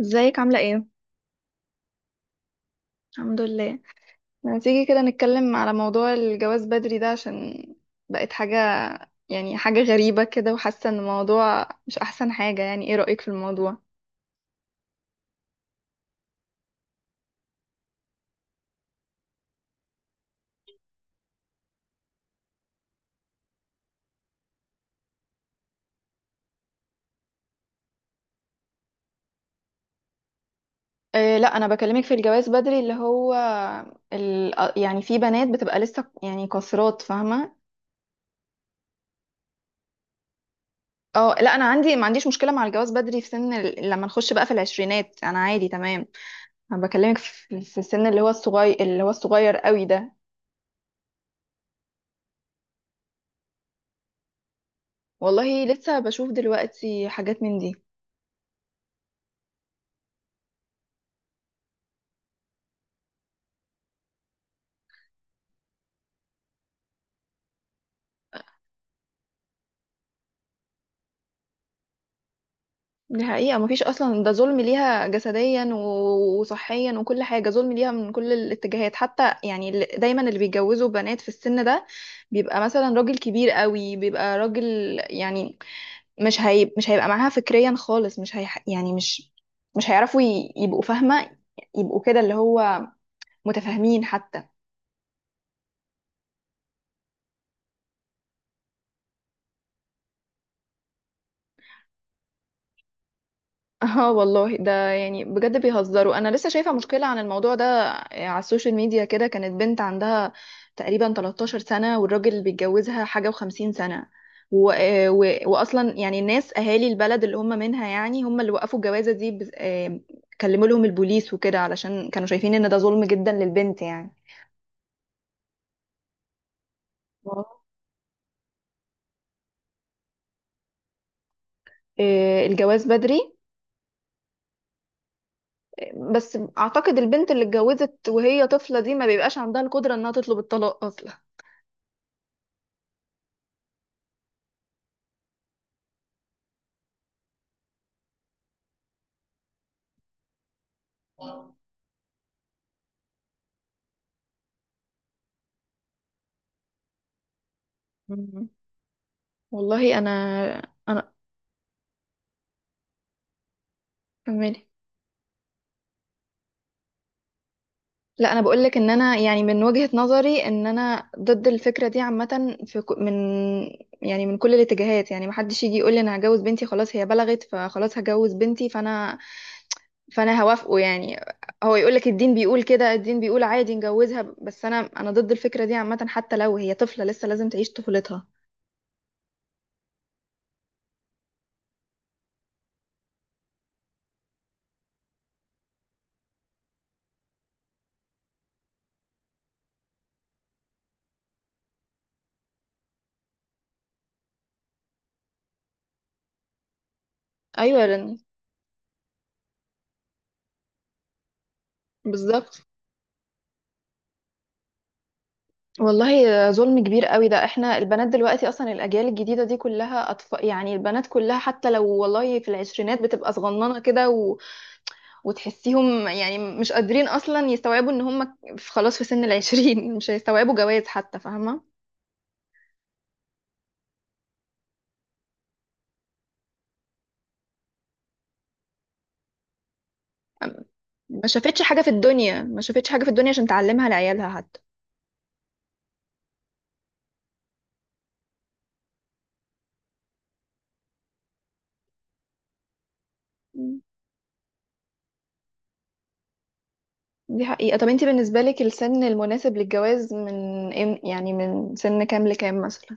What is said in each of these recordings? ازيك عاملة ايه؟ الحمد لله. ما تيجي كده نتكلم على موضوع الجواز بدري ده، عشان بقت حاجة، يعني حاجة غريبة كده، وحاسة ان الموضوع مش احسن حاجة. يعني ايه رأيك في الموضوع؟ إيه، لا انا بكلمك في الجواز بدري اللي هو يعني في بنات بتبقى لسه يعني قاصرات، فاهمة؟ اه، لا انا عندي ما عنديش مشكلة مع الجواز بدري في سن لما نخش بقى في العشرينات انا عادي تمام. انا بكلمك في السن اللي هو الصغير، اللي هو الصغير قوي ده. والله لسه بشوف دلوقتي حاجات من دي. دي حقيقة، مفيش أصلا، ده ظلم ليها جسديا وصحيا وكل حاجة، ظلم ليها من كل الاتجاهات. حتى يعني دايما اللي بيتجوزوا بنات في السن ده بيبقى مثلا راجل كبير قوي، بيبقى راجل، يعني مش هيبقى معاها فكريا خالص، مش هي يعني مش هيعرفوا يبقوا فاهمة، يبقوا كده اللي هو متفاهمين حتى. اه والله، ده يعني بجد بيهزروا. انا لسه شايفه مشكله عن الموضوع ده على السوشيال ميديا كده، كانت بنت عندها تقريبا 13 سنه، والراجل اللي بيتجوزها حاجه و50 سنه واصلا يعني الناس اهالي البلد اللي هم منها، يعني هم اللي وقفوا الجوازه دي كلموا لهم البوليس وكده، علشان كانوا شايفين ان ده ظلم جدا للبنت يعني. واو. الجواز بدري، بس اعتقد البنت اللي اتجوزت وهي طفله دي ما بيبقاش عندها القدره انها تطلب الطلاق اصلا. مم. والله انا فهماني. لا انا بقول لك ان انا، يعني من وجهة نظري، ان انا ضد الفكرة دي عامة في من، يعني من كل الاتجاهات. يعني محدش يجي يقول لي انا هجوز بنتي، خلاص هي بلغت فخلاص هجوز بنتي، فانا هوافقه يعني. هو يقول لك الدين بيقول كده، الدين بيقول عادي نجوزها. بس انا ضد الفكرة دي عامة، حتى لو هي طفلة لسه لازم تعيش طفولتها. ايوه بالظبط. والله ظلم كبير قوي ده، احنا البنات دلوقتي اصلا الاجيال الجديده دي كلها اطفال، يعني البنات كلها حتى لو والله في العشرينات بتبقى صغننه كده، وتحسيهم يعني مش قادرين اصلا يستوعبوا ان هم خلاص في سن العشرين مش هيستوعبوا جواز حتى، فاهمه؟ ما شافتش حاجه في الدنيا، ما شافتش حاجه في الدنيا عشان تعلمها لعيالها حتى. مم. دي حقيقه. طب انت بالنسبه لك السن المناسب للجواز من يعني من سن كام لكام مثلا؟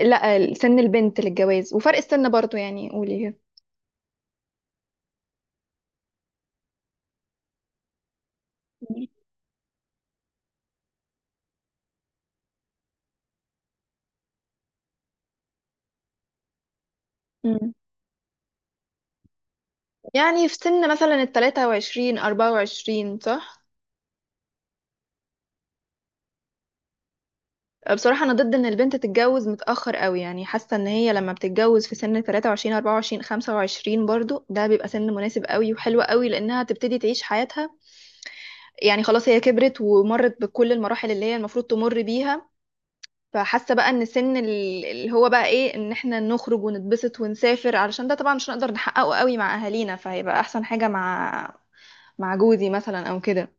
لا، سن البنت للجواز وفرق السن برضو، يعني قولي. مم. يعني في سن مثلا التلاتة وعشرين أربعة وعشرين، صح؟ بصراحة أنا ضد إن البنت تتجوز متأخر قوي، يعني حاسة إن هي لما بتتجوز في سن 23 24 25 برضو، ده بيبقى سن مناسب قوي وحلو قوي، لأنها تبتدي تعيش حياتها. يعني خلاص هي كبرت ومرت بكل المراحل اللي هي المفروض تمر بيها. فحاسة بقى إن سن اللي هو بقى إيه، إن إحنا نخرج ونتبسط ونسافر، علشان ده طبعا مش هنقدر نحققه قوي مع أهالينا، فهيبقى أحسن حاجة مع جوزي مثلا أو كده.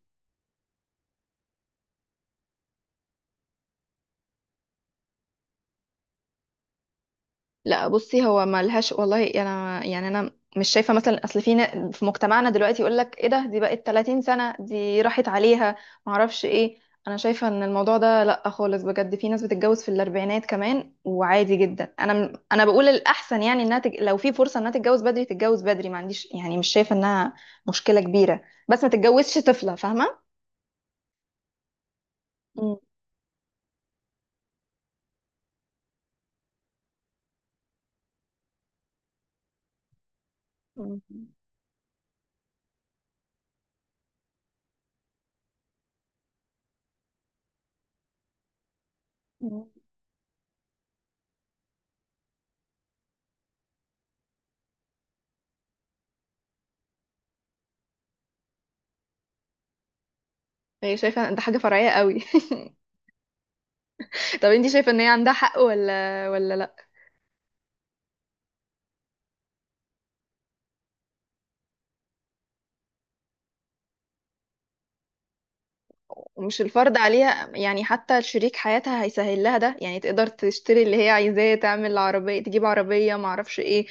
لا بصي، هو ملهاش. والله انا يعني انا مش شايفه مثلا، اصل في في مجتمعنا دلوقتي يقول لك ايه ده، دي بقت 30 سنه دي راحت عليها، ما اعرفش ايه. انا شايفه ان الموضوع ده لا خالص، بجد في ناس بتتجوز في الاربعينات كمان وعادي جدا. انا انا بقول الاحسن، يعني انها لو في فرصه انها تتجوز بدري تتجوز بدري، ما عنديش يعني، مش شايفه انها مشكله كبيره. بس ما تتجوزش طفله، فاهمه؟ مم. مم. مم. هي شايفه إن ده حاجه فرعيه قوي طب انتي شايفه ان هي عندها حق ولا لا؟ ومش الفرض عليها، يعني حتى شريك حياتها هيسهل لها ده، يعني تقدر تشتري اللي هي عايزاه، تعمل عربية، تجيب عربية، معرفش ايه.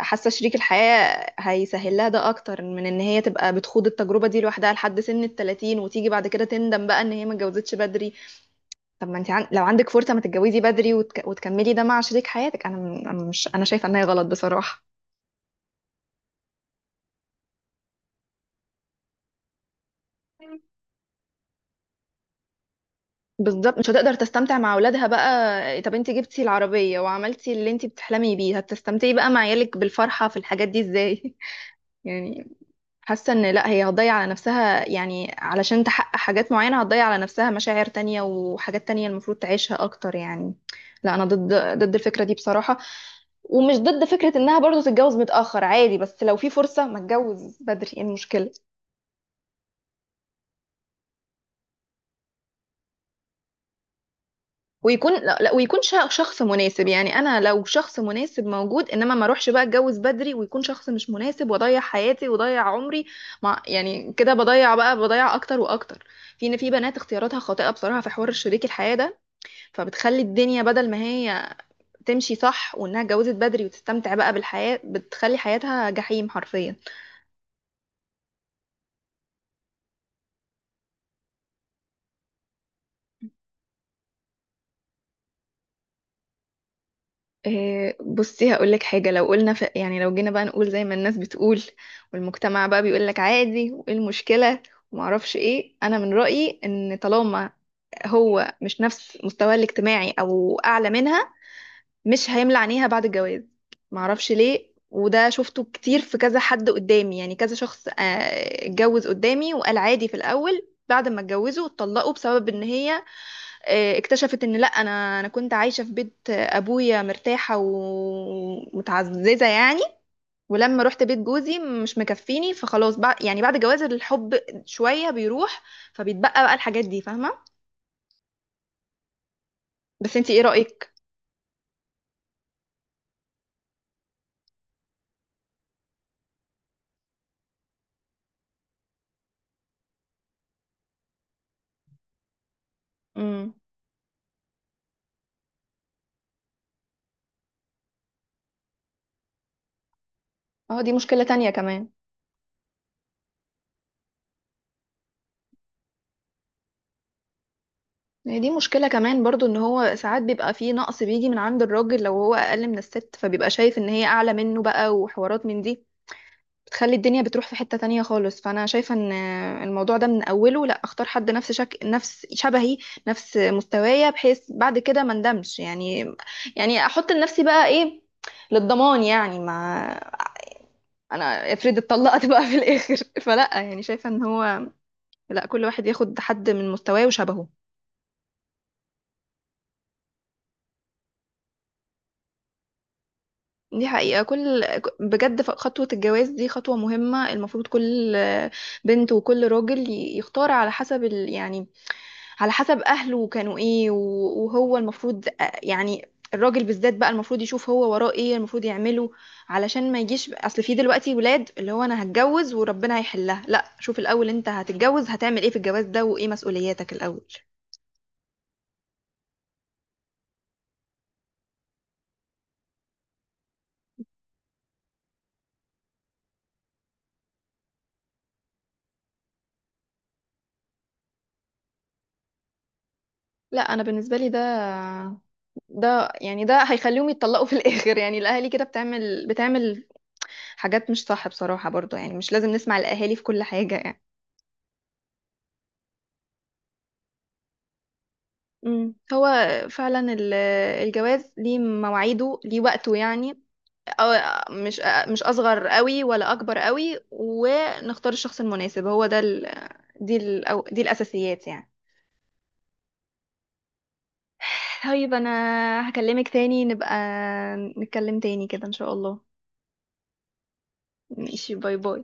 حاسة شريك الحياة هيسهل لها ده اكتر من ان هي تبقى بتخوض التجربة دي لوحدها لحد سن التلاتين، وتيجي بعد كده تندم بقى ان هي ما اتجوزتش بدري. طب ما انت لو عندك فرصة ما تتجوزي بدري وتكملي ده مع شريك حياتك، انا أنا مش، انا شايفة ان هي غلط بصراحة. بالظبط، مش هتقدر تستمتع مع اولادها بقى. طب انت جبتي العربية وعملتي اللي انت بتحلمي بيه، هتستمتعي بقى مع عيالك بالفرحة في الحاجات دي ازاي؟ يعني حاسة ان لا، هي هتضيع على نفسها، يعني علشان تحقق حاجات معينة هتضيع على نفسها مشاعر تانية وحاجات تانية المفروض تعيشها اكتر يعني. لا انا ضد الفكرة دي بصراحة. ومش ضد فكرة انها برضو تتجوز متأخر، عادي، بس لو في فرصة ما تتجوز بدري ايه المشكلة؟ ويكون، لا لا، ويكون شخص مناسب، يعني انا لو شخص مناسب موجود، انما ما اروحش بقى اتجوز بدري ويكون شخص مش مناسب، واضيع حياتي واضيع عمري مع، يعني كده بضيع بقى، بضيع اكتر واكتر. في ان في بنات اختياراتها خاطئة بصراحة في حوار شريك الحياة ده، فبتخلي الدنيا بدل ما هي تمشي صح وانها اتجوزت بدري وتستمتع بقى بالحياة، بتخلي حياتها جحيم حرفيا. إيه، بصي هقول لك حاجه. لو قلنا يعني لو جينا بقى نقول زي ما الناس بتقول والمجتمع بقى بيقول لك عادي، وايه المشكله، ومعرفش ايه، انا من رايي ان طالما هو مش نفس مستواه الاجتماعي او اعلى منها، مش هيملى عينيها بعد الجواز. معرفش ليه، وده شفته كتير في كذا حد قدامي، يعني كذا شخص اتجوز قدامي وقال عادي في الاول، بعد ما اتجوزوا اتطلقوا بسبب ان هي اكتشفت ان لا، انا كنت عايشه في بيت ابويا مرتاحه ومتعززه يعني، ولما رحت بيت جوزي مش مكفيني، فخلاص بقى يعني بعد جواز الحب شويه بيروح. فبيتبقى بقى الحاجات دي، فاهمه؟ بس انتي ايه رايك؟ امم. اه، دي مشكله تانية كمان. هي دي مشكله كمان برضو، ان هو ساعات بيبقى فيه نقص بيجي من عند الراجل، لو هو اقل من الست فبيبقى شايف ان هي اعلى منه بقى وحوارات من دي، بتخلي الدنيا بتروح في حتة تانية خالص. فأنا شايفة إن الموضوع ده من أوله، لأ أختار حد نفس نفس شبهي، نفس مستوايا، بحيث بعد كده ما ندمش يعني. يعني أحط لنفسي بقى إيه، للضمان يعني، ما أنا افرض اتطلقت بقى في الآخر فلأ يعني شايفة إن هو، لأ كل واحد ياخد حد من مستواه وشبهه. دي حقيقة، كل بجد خطوة الجواز دي خطوة مهمة، المفروض كل بنت وكل راجل يختار على حسب يعني على حسب أهله كانوا إيه وهو المفروض يعني الراجل بالذات بقى المفروض يشوف هو وراه إيه، المفروض يعمله، علشان ما يجيش أصل في دلوقتي ولاد اللي هو أنا هتجوز وربنا هيحلها. لا شوف الأول، أنت هتتجوز هتعمل إيه في الجواز ده، وإيه مسؤولياتك الأول. لا انا بالنسبه لي ده يعني ده هيخليهم يتطلقوا في الاخر، يعني الاهالي كده بتعمل حاجات مش صح بصراحه، برضو يعني مش لازم نسمع الاهالي في كل حاجه يعني. هو فعلا الجواز ليه مواعيده ليه وقته يعني، أو- مش مش اصغر قوي ولا اكبر قوي، ونختار الشخص المناسب، هو ده دي أو دي الاساسيات يعني. طيب انا هكلمك تاني، نبقى نتكلم تاني كده ان شاء الله. ماشي، باي باي.